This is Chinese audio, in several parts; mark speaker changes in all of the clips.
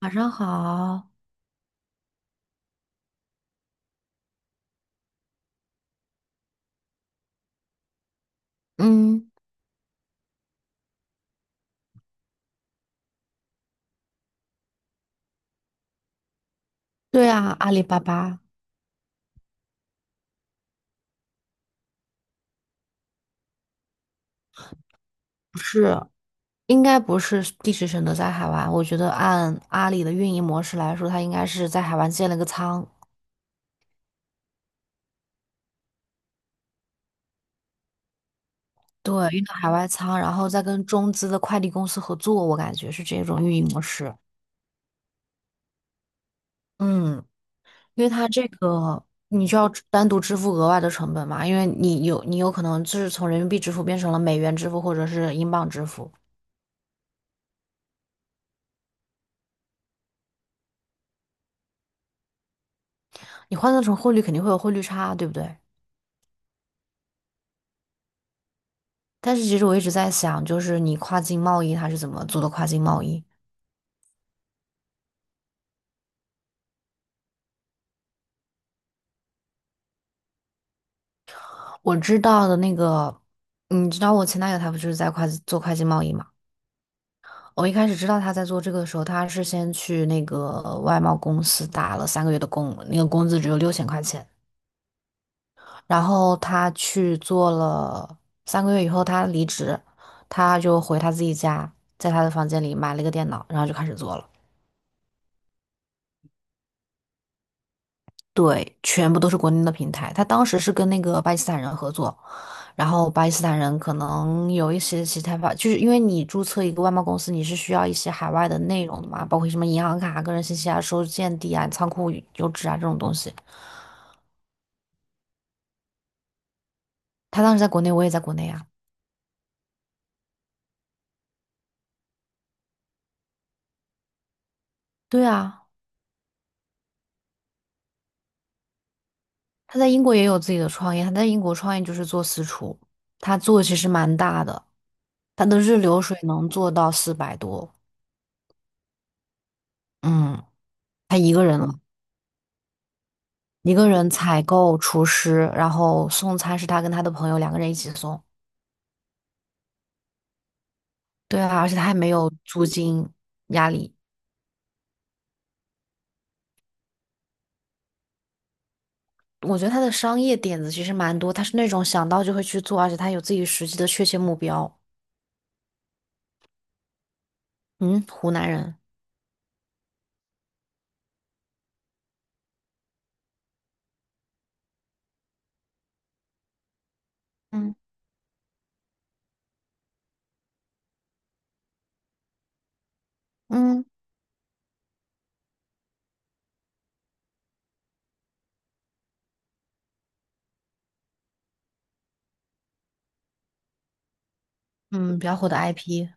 Speaker 1: 晚上好，嗯，对啊，阿里巴巴不是，应该不是地址选择在海外。我觉得按阿里的运营模式来说，它应该是在海外建了个仓，对，运到海外仓，然后再跟中资的快递公司合作，我感觉是这种运营模式。嗯，因为它这个你就要单独支付额外的成本嘛，因为你有可能就是从人民币支付变成了美元支付或者是英镑支付，你换算成汇率肯定会有汇率差啊，对不对？但是其实我一直在想，就是你跨境贸易它是怎么做的跨境贸易？我知道的那个，你知道我前男友他不就是在跨境做跨境贸易嘛？我一开始知道他在做这个的时候，他是先去那个外贸公司打了三个月的工，那个工资只有六千块钱。然后他去做了三个月以后，他离职，他就回他自己家，在他的房间里买了一个电脑，然后就开始做了。对，全部都是国内的平台。他当时是跟那个巴基斯坦人合作，然后巴基斯坦人可能有一些其他法，就是因为你注册一个外贸公司，你是需要一些海外的内容的嘛，包括什么银行卡、个人信息啊、收件地啊、仓库邮址啊这种东西。他当时在国内，我也在国内啊。对啊，他在英国也有自己的创业，他在英国创业就是做私厨，他做的其实蛮大的，他的日流水能做到四百多，嗯，他一个人了。一个人采购厨师，然后送餐是他跟他的朋友两个人一起送。对啊，而且他还没有租金压力。我觉得他的商业点子其实蛮多，他是那种想到就会去做，而且他有自己实际的确切目标。嗯，湖南人，嗯嗯嗯，比较火的 IP，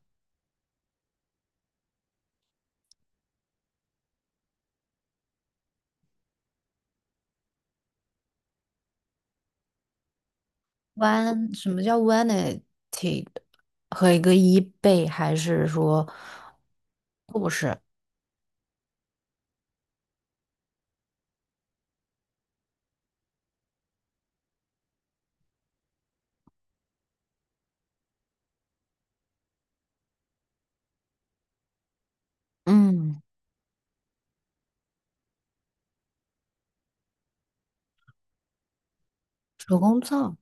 Speaker 1: one 什么叫 vanity 和一个一倍，还是说，嗯，手工皂？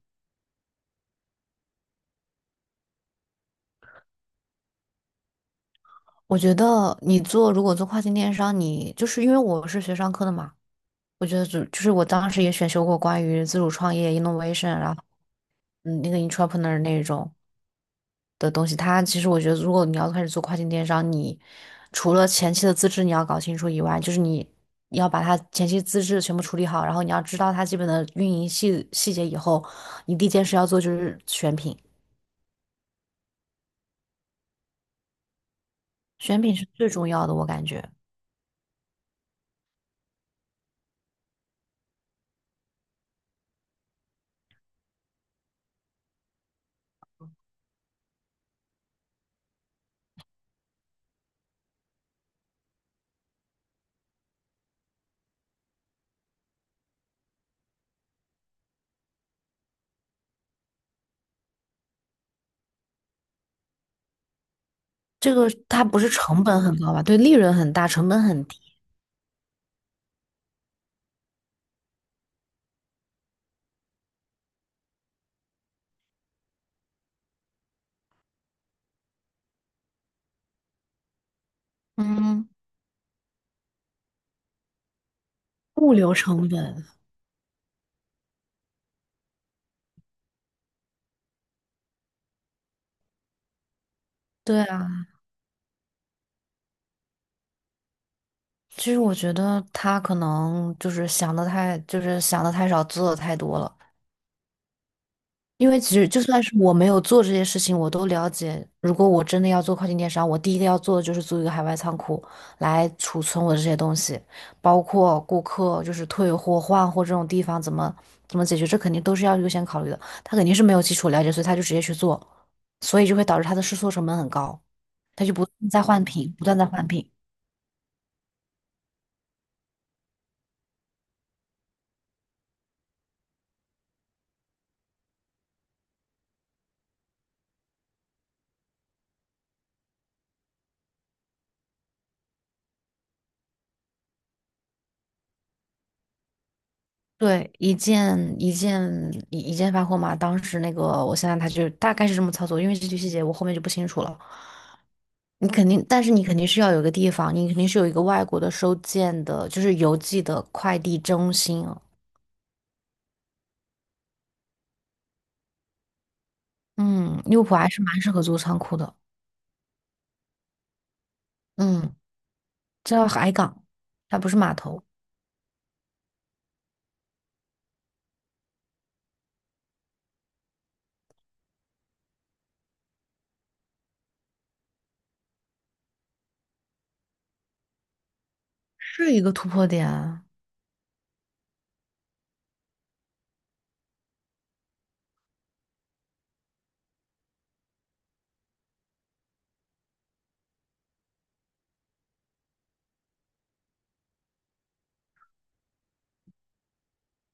Speaker 1: 我觉得你做如果做跨境电商，你就是因为我是学商科的嘛，我觉得就是我当时也选修过关于自主创业 innovation，然后那个 entrepreneur 那种的东西。它其实我觉得，如果你要开始做跨境电商，你除了前期的资质你要搞清楚以外，就是你要把它前期资质全部处理好，然后你要知道它基本的运营细节以后，你第一件事要做就是选品，选品是最重要的，我感觉这个它不是成本很高吧？对，利润很大，成本很低，嗯，物流成本，对啊，其实我觉得他可能就是想的太少，做的太多了。因为其实就算是我没有做这些事情，我都了解。如果我真的要做跨境电商，我第一个要做的就是租一个海外仓库来储存我的这些东西，包括顾客就是退货、换货这种地方怎么解决，这肯定都是要优先考虑的。他肯定是没有基础了解，所以他就直接去做，所以就会导致他的试错成本很高，他就不断地在换品，不断地在换品。对，一件一件一件发货嘛。当时那个，我现在他就大概是这么操作，因为这些细节我后面就不清楚了。你肯定，但是你肯定是要有一个地方，你肯定是有一个外国的收件的，就是邮寄的快递中心啊。嗯，利物浦还是蛮适合做仓库的。嗯，叫海港，它不是码头，是一个突破点啊。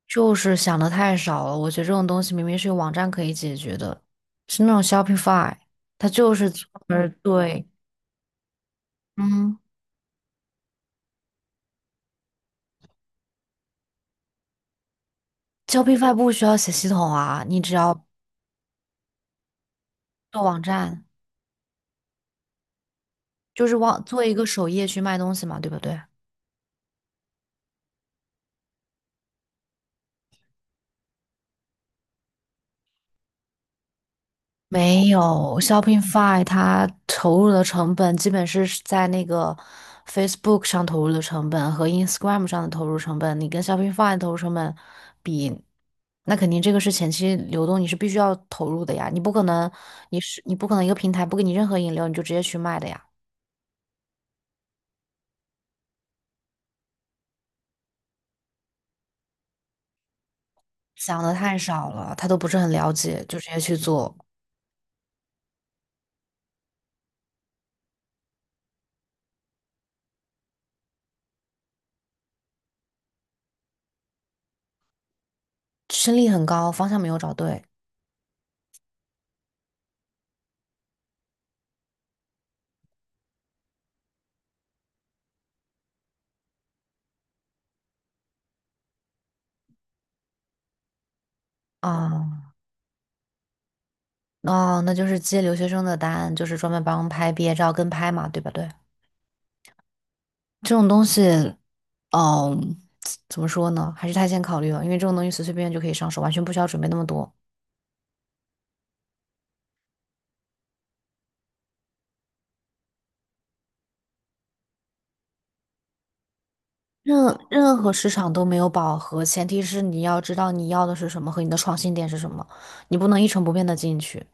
Speaker 1: 就是想的太少了，我觉得这种东西明明是有网站可以解决的，是那种 Shopify，它就是专门儿对，嗯。Shoppingify 不需要写系统啊，你只要做网站，就是网做一个首页去卖东西嘛，对不对？没有，Shopify 它投入的成本基本是在那个 Facebook 上投入的成本和 Instagram 上的投入成本，你跟 Shopify 的投入成本比，那肯定这个是前期流动，你是必须要投入的呀，你不可能，你不可能一个平台不给你任何引流，你就直接去卖的呀，想的太少了，他都不是很了解，就直接去做。胜率很高，方向没有找对啊。哦，那就是接留学生的单，就是专门帮拍毕业照跟拍嘛，对不对，这种东西，嗯，怎么说呢？还是太先考虑了，因为这种东西随随便便就可以上手，完全不需要准备那么多。任何市场都没有饱和，前提是你要知道你要的是什么和你的创新点是什么，你不能一成不变的进去。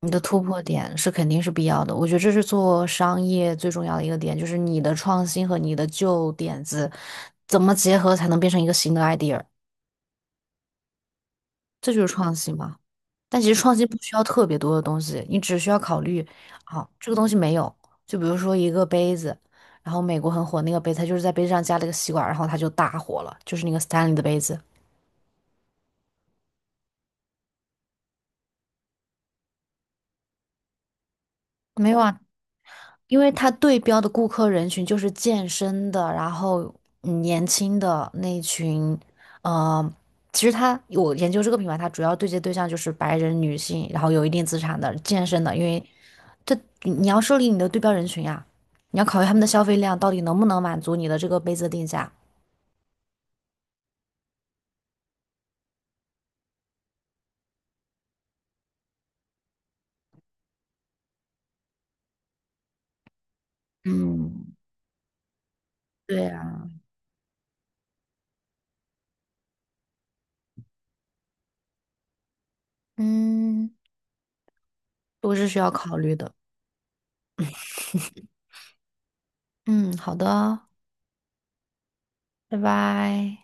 Speaker 1: 你的突破点是肯定是必要的，我觉得这是做商业最重要的一个点，就是你的创新和你的旧点子怎么结合才能变成一个新的 idea，这就是创新嘛。但其实创新不需要特别多的东西，你只需要考虑，好，这个东西没有，就比如说一个杯子，然后美国很火那个杯子，它就是在杯子上加了一个吸管，然后它就大火了，就是那个 Stanley 的杯子。没有啊，因为它对标的顾客人群就是健身的，然后嗯年轻的那一群，呃，其实它我研究这个品牌，它主要对接对象就是白人女性，然后有一定资产的健身的，因为这你要设立你的对标人群呀，你要考虑他们的消费量到底能不能满足你的这个杯子定价。嗯，对呀，嗯，都是需要考虑的。嗯，好的，拜拜。